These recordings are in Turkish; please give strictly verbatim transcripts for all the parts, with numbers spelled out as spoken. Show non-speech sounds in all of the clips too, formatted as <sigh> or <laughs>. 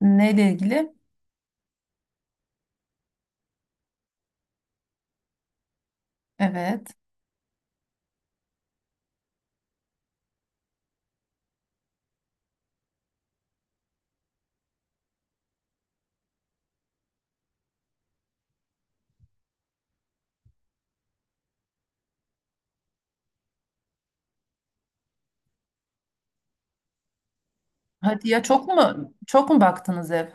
Neyle ilgili? Evet. Hadi ya, çok mu çok mu baktınız ev?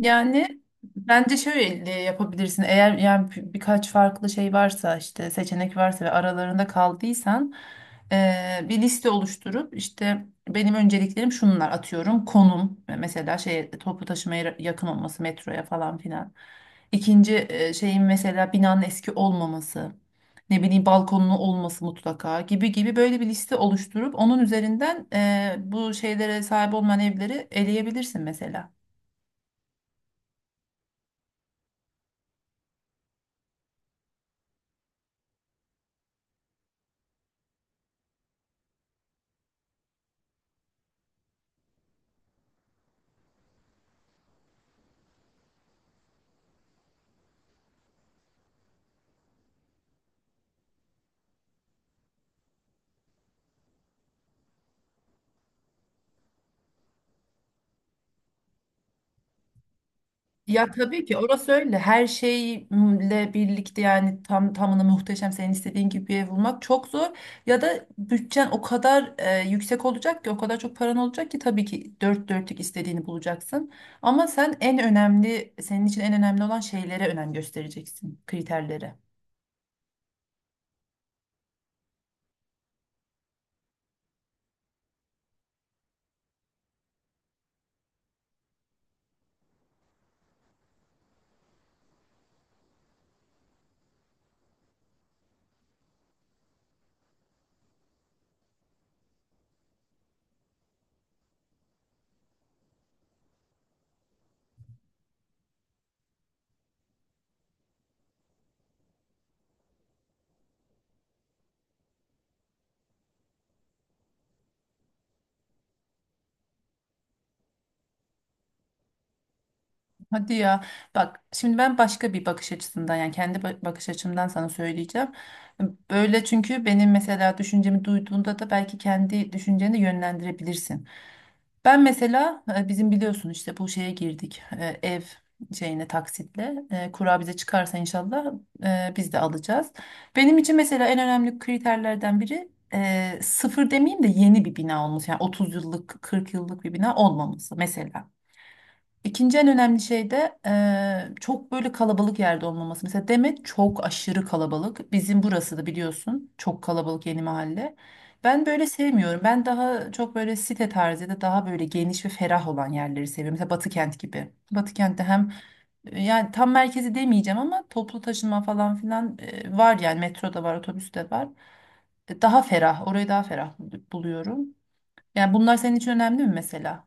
Yani bence şöyle e, yapabilirsin. Eğer yani bir- birkaç farklı şey varsa işte, seçenek varsa ve aralarında kaldıysan eee, bir liste oluşturup işte benim önceliklerim şunlar, atıyorum konum mesela, şey toplu taşımaya yakın olması, metroya falan filan. İkinci eee, şeyin mesela binanın eski olmaması, ne bileyim balkonlu olması mutlaka gibi gibi, böyle bir liste oluşturup onun üzerinden eee, bu şeylere sahip olmayan evleri eleyebilirsin mesela. Ya tabii ki orası öyle. Her şeyle birlikte yani tam tamına muhteşem senin istediğin gibi bir ev bulmak çok zor. Ya da bütçen o kadar e, yüksek olacak ki, o kadar çok paran olacak ki tabii ki dört dörtlük istediğini bulacaksın. Ama sen en önemli, senin için en önemli olan şeylere önem göstereceksin, kriterlere. Hadi ya, bak şimdi ben başka bir bakış açısından, yani kendi ba- bakış açımdan sana söyleyeceğim. Böyle, çünkü benim mesela düşüncemi duyduğunda da belki kendi düşünceni de yönlendirebilirsin. Ben mesela e, bizim biliyorsun işte bu şeye girdik, e, ev şeyine taksitle, E, kura bize çıkarsa inşallah e, biz de alacağız. Benim için mesela en önemli kriterlerden biri e, sıfır demeyeyim de yeni bir bina olması, yani otuz yıllık kırk yıllık bir bina olmaması mesela. İkinci en önemli şey de eee, çok böyle kalabalık yerde olmaması. Mesela Demet çok aşırı kalabalık. Bizim burası da biliyorsun çok kalabalık, yeni mahalle. Ben böyle sevmiyorum. Ben daha çok böyle site tarzı ya da daha böyle geniş ve ferah olan yerleri seviyorum. Mesela Batıkent gibi. Batıkent'te hem e, yani tam merkezi demeyeceğim ama toplu taşıma falan filan e, var, yani metro da var, otobüs de var. E, daha ferah, orayı daha ferah buluyorum. Yani bunlar senin için önemli mi mesela?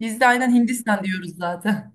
Biz de aynen Hindistan diyoruz zaten.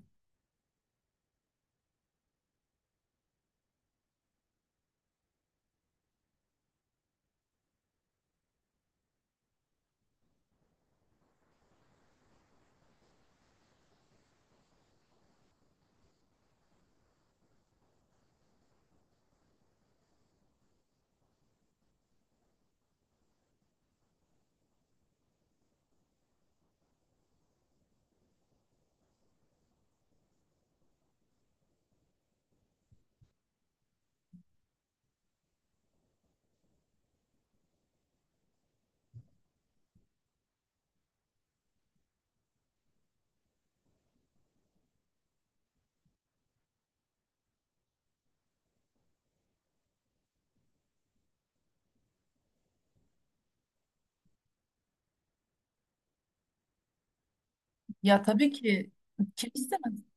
Ya tabii ki, kim istemez?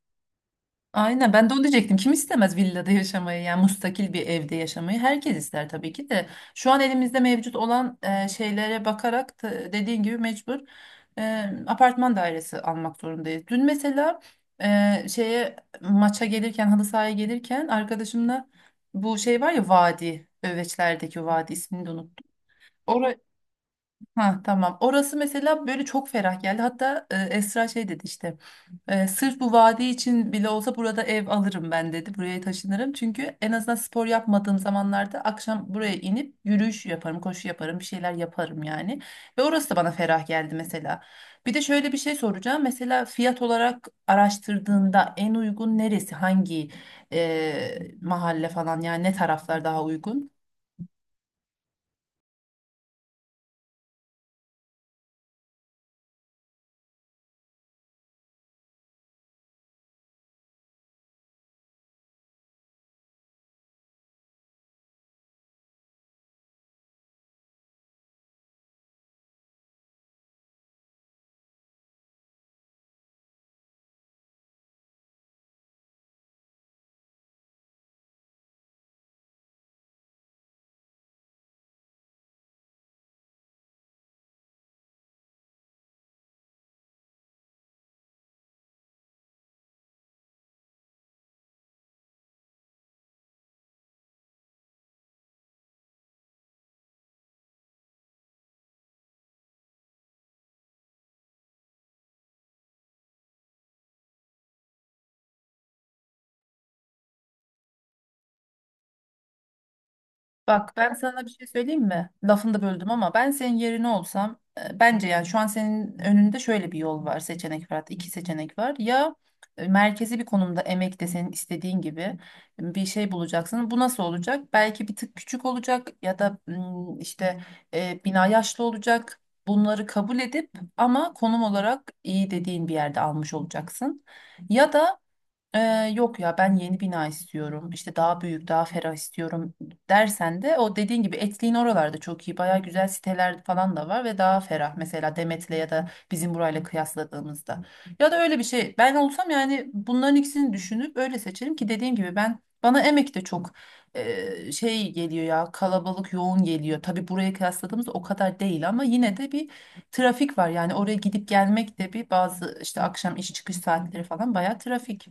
Aynen, ben de onu diyecektim. Kim istemez villada yaşamayı, yani müstakil bir evde yaşamayı? Herkes ister tabii ki de. Şu an elimizde mevcut olan e, şeylere bakarak da dediğin gibi mecbur e, apartman dairesi almak zorundayız. Dün mesela e, şeye maça gelirken, halı sahaya gelirken arkadaşımla, bu şey var ya vadi, Öveçler'deki vadi, ismini de unuttum. Ha tamam. Orası mesela böyle çok ferah geldi. Hatta e, Esra şey dedi işte. E, sırf bu vadi için bile olsa burada ev alırım ben dedi. Buraya taşınırım. Çünkü en azından spor yapmadığım zamanlarda akşam buraya inip yürüyüş yaparım, koşu yaparım, bir şeyler yaparım yani. Ve orası da bana ferah geldi mesela. Bir de şöyle bir şey soracağım. Mesela fiyat olarak araştırdığında en uygun neresi? Hangi e, mahalle falan, yani ne taraflar daha uygun? Bak ben sana bir şey söyleyeyim mi? Lafını da böldüm ama ben senin yerine olsam, e, bence yani şu an senin önünde şöyle bir yol var, seçenek var, hatta iki seçenek var. Ya e, merkezi bir konumda, emek de senin istediğin gibi bir şey bulacaksın. Bu nasıl olacak? Belki bir tık küçük olacak ya da mm, işte e, bina yaşlı olacak. Bunları kabul edip ama konum olarak iyi dediğin bir yerde almış olacaksın. Ya da ee, yok ya ben yeni bina istiyorum işte, daha büyük daha ferah istiyorum dersen de, o dediğin gibi Etlik'in oralarda çok iyi, baya güzel siteler falan da var ve daha ferah, mesela Demet'le ya da bizim burayla kıyasladığımızda. Ya da öyle bir şey, ben olsam yani bunların ikisini düşünüp öyle seçerim. Ki dediğim gibi, ben, bana Emek de çok e, şey geliyor ya, kalabalık, yoğun geliyor. Tabii buraya kıyasladığımızda o kadar değil, ama yine de bir trafik var. Yani oraya gidip gelmek de bir, bazı işte akşam iş çıkış saatleri falan baya trafik.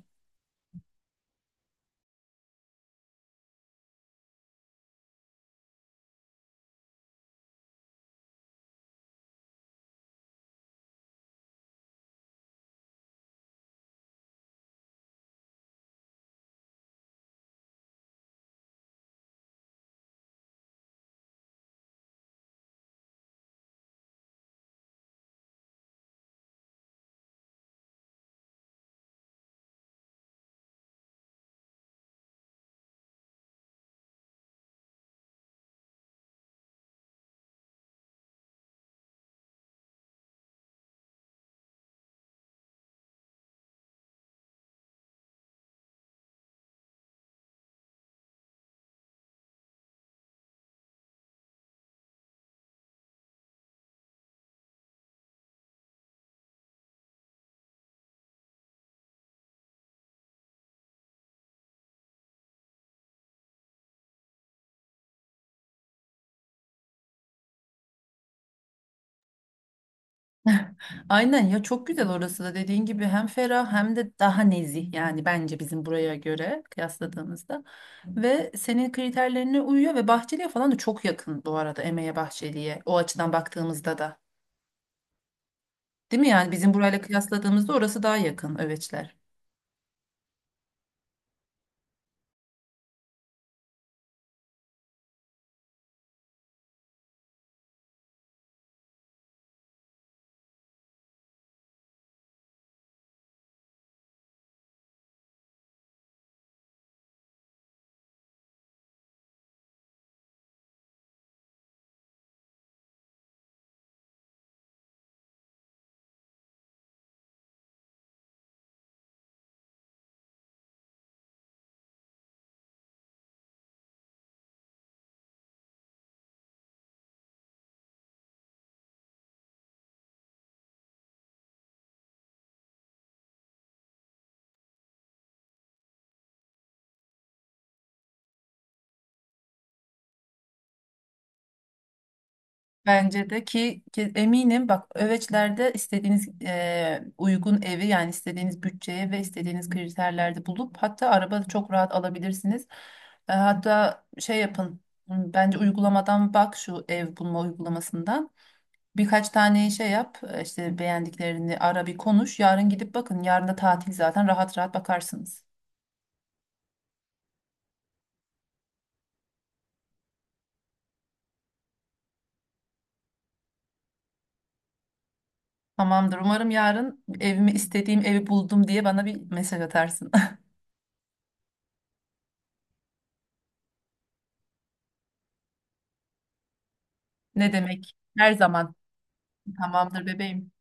<laughs> Aynen ya, çok güzel orası da dediğin gibi, hem ferah hem de daha nezih, yani bence bizim buraya göre kıyasladığımızda ve senin kriterlerine uyuyor. Ve Bahçeli'ye falan da çok yakın bu arada, Emeğe Bahçeli'ye, o açıdan baktığımızda da, değil mi, yani bizim burayla kıyasladığımızda orası daha yakın, Öveçler. Bence de, ki, ki eminim, bak Öveçler'de istediğiniz eee, uygun evi, yani istediğiniz bütçeye ve istediğiniz kriterlerde bulup hatta araba da çok rahat alabilirsiniz. E, hatta şey yapın, m, bence uygulamadan, bak şu ev bulma uygulamasından birkaç tane şey yap, e, işte beğendiklerini ara, bir konuş, yarın gidip bakın, yarın da tatil zaten, rahat rahat bakarsınız. Tamamdır, umarım yarın "Evimi, istediğim evi buldum" diye bana bir mesaj atarsın. <laughs> Ne demek, her zaman. Tamamdır bebeğim.